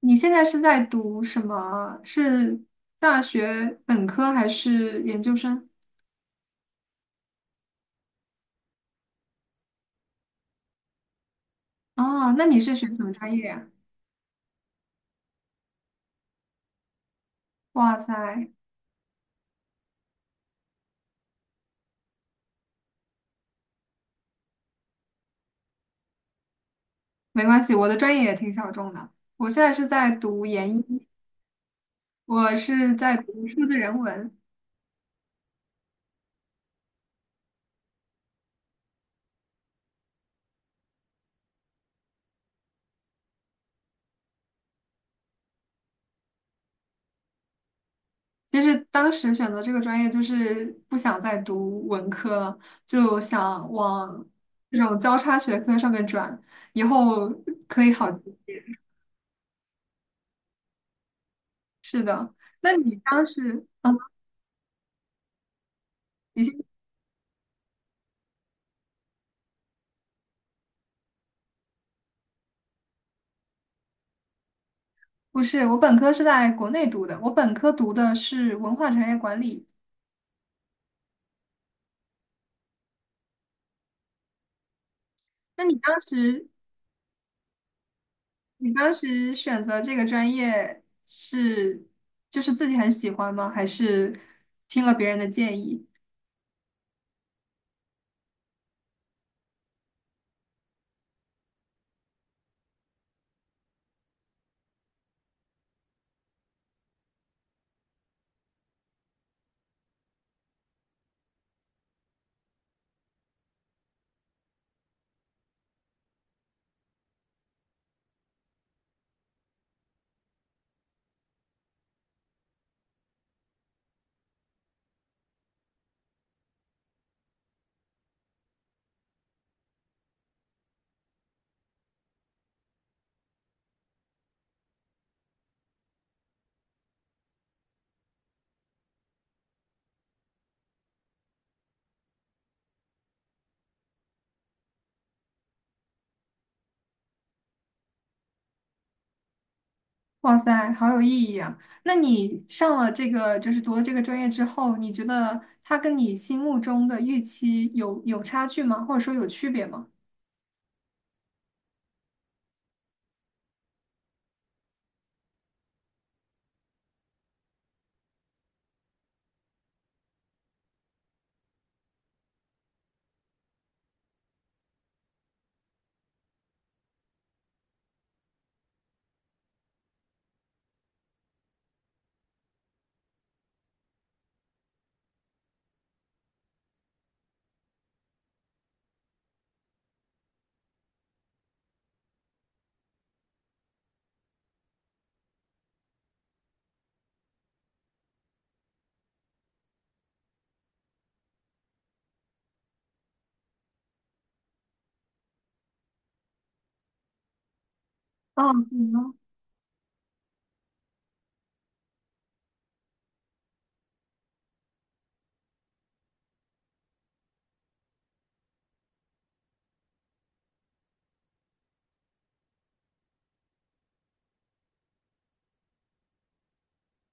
你现在是在读什么？是大学本科还是研究生？哦，那你是学什么专业呀？哇塞，没关系，我的专业也挺小众的。我现在是在读研一，我是在读数字人文。其实当时选择这个专业就是不想再读文科了，就想往这种交叉学科上面转，以后可以好记。是的，那你当时，嗯。你。不是，我本科是在国内读的，我本科读的是文化产业管理。那你当时，你当时选择这个专业是，就是自己很喜欢吗？还是听了别人的建议？哇塞，好有意义啊！那你上了这个，就是读了这个专业之后，你觉得它跟你心目中的预期有差距吗？或者说有区别吗？哦，嗯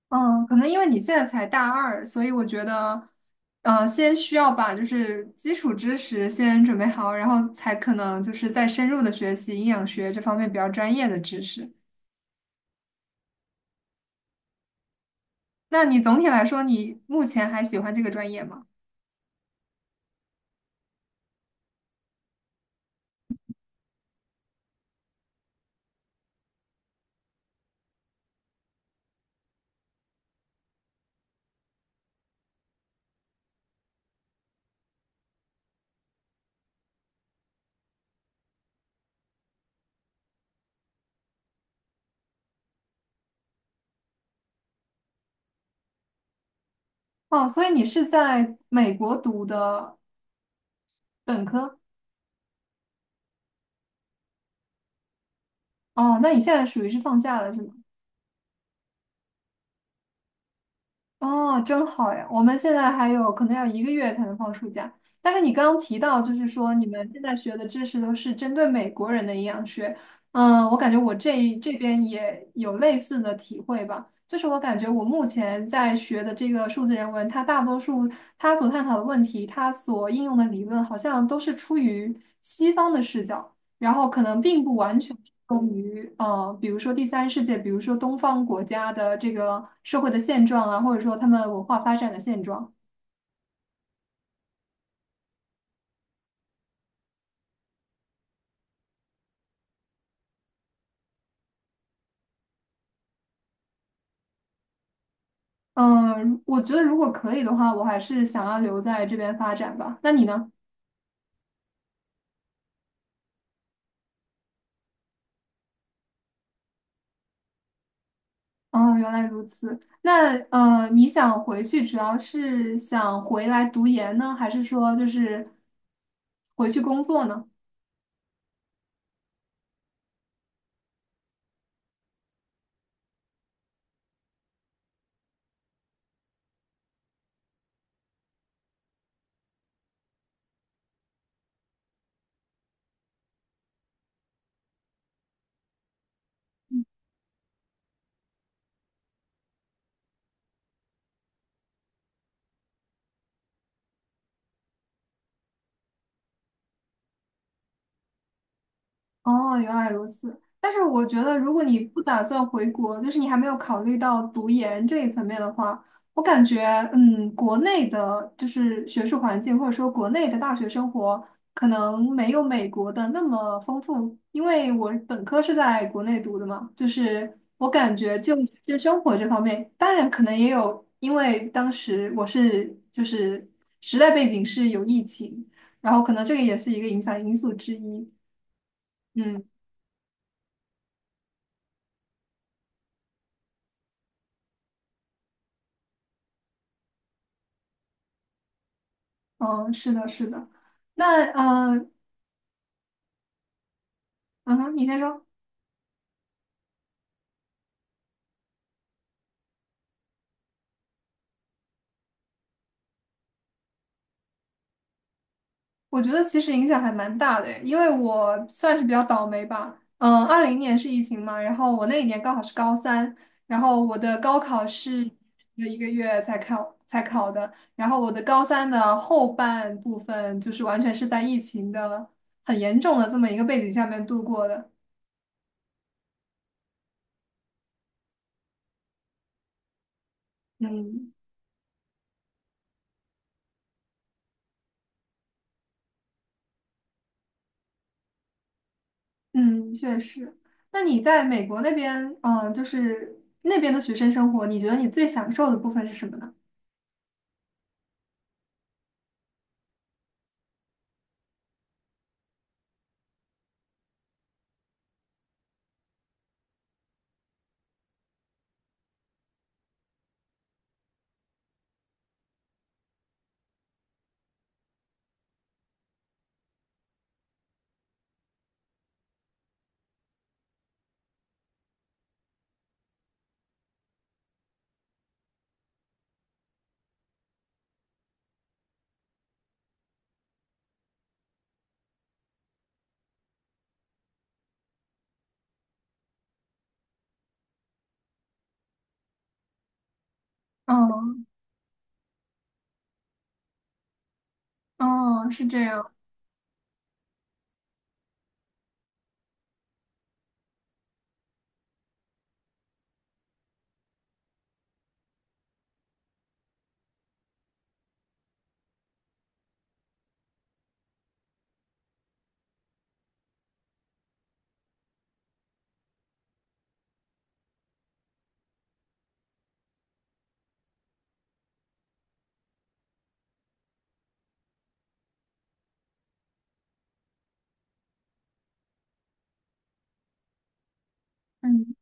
嗯，可能因为你现在才大二，所以我觉得，先需要把就是基础知识先准备好，然后才可能就是再深入的学习营养学这方面比较专业的知识。那你总体来说，你目前还喜欢这个专业吗？哦，所以你是在美国读的本科？哦，那你现在属于是放假了，是吗？哦，真好呀！我们现在还有可能要一个月才能放暑假。但是你刚刚提到，就是说你们现在学的知识都是针对美国人的营养学，嗯，我感觉我这边也有类似的体会吧。就是我感觉我目前在学的这个数字人文，它大多数它所探讨的问题，它所应用的理论，好像都是出于西方的视角。然后可能并不完全用于比如说第三世界，比如说东方国家的这个社会的现状啊，或者说他们文化发展的现状。嗯，我觉得如果可以的话，我还是想要留在这边发展吧。那你呢？哦，原来如此。那你想回去主要是想回来读研呢，还是说就是回去工作呢？哦，原来如此。但是我觉得，如果你不打算回国，就是你还没有考虑到读研这一层面的话，我感觉，国内的就是学术环境，或者说国内的大学生活，可能没有美国的那么丰富。因为我本科是在国内读的嘛，就是我感觉就生活这方面，当然可能也有，因为当时我是就是时代背景是有疫情，然后可能这个也是一个影响因素之一。嗯。嗯，是的，是的。那嗯嗯哼，你先说。我觉得其实影响还蛮大的诶，因为我算是比较倒霉吧。嗯，20年是疫情嘛，然后我那一年刚好是高三，然后我的高考是一个月才考的，然后我的高三的后半部分就是完全是在疫情的很严重的这么一个背景下面度过的。嗯，嗯，确实。那你在美国那边，就是那边的学生生活，你觉得你最享受的部分是什么呢？嗯，哦，是这样。嗯，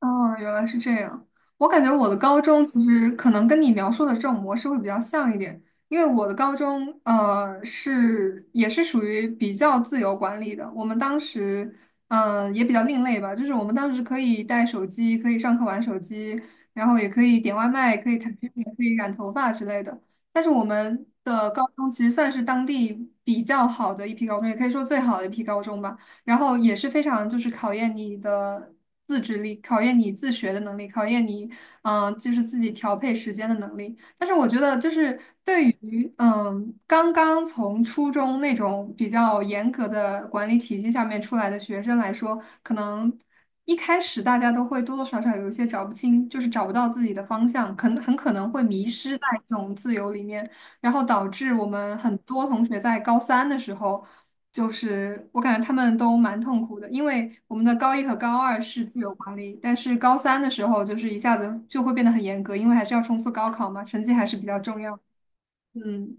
哦，原来是这样。我感觉我的高中其实可能跟你描述的这种模式会比较像一点，因为我的高中是也是属于比较自由管理的。我们当时也比较另类吧，就是我们当时可以带手机，可以上课玩手机，然后也可以点外卖，可以谈恋爱，可以染头发之类的。但是我们的高中其实算是当地比较好的一批高中，也可以说最好的一批高中吧。然后也是非常就是考验你的自制力，考验你自学的能力，考验你就是自己调配时间的能力。但是我觉得就是对于刚刚从初中那种比较严格的管理体系下面出来的学生来说，可能。一开始大家都会多多少少有一些找不清，就是找不到自己的方向，可能很可能会迷失在这种自由里面，然后导致我们很多同学在高三的时候。就是我感觉他们都蛮痛苦的，因为我们的高一和高二是自由管理，但是高三的时候就是一下子就会变得很严格，因为还是要冲刺高考嘛，成绩还是比较重要。嗯，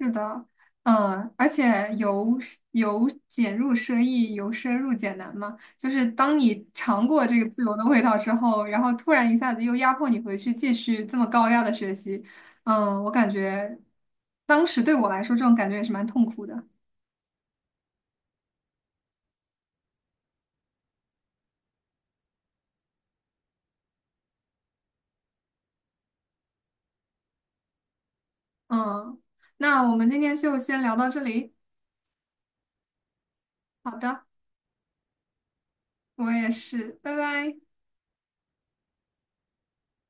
是的，嗯，而且由俭入奢易，由奢入俭难嘛，就是当你尝过这个自由的味道之后，然后突然一下子又压迫你回去继续这么高压的学习，嗯，我感觉当时对我来说这种感觉也是蛮痛苦的。嗯，那我们今天就先聊到这里。好的，我也是，拜拜。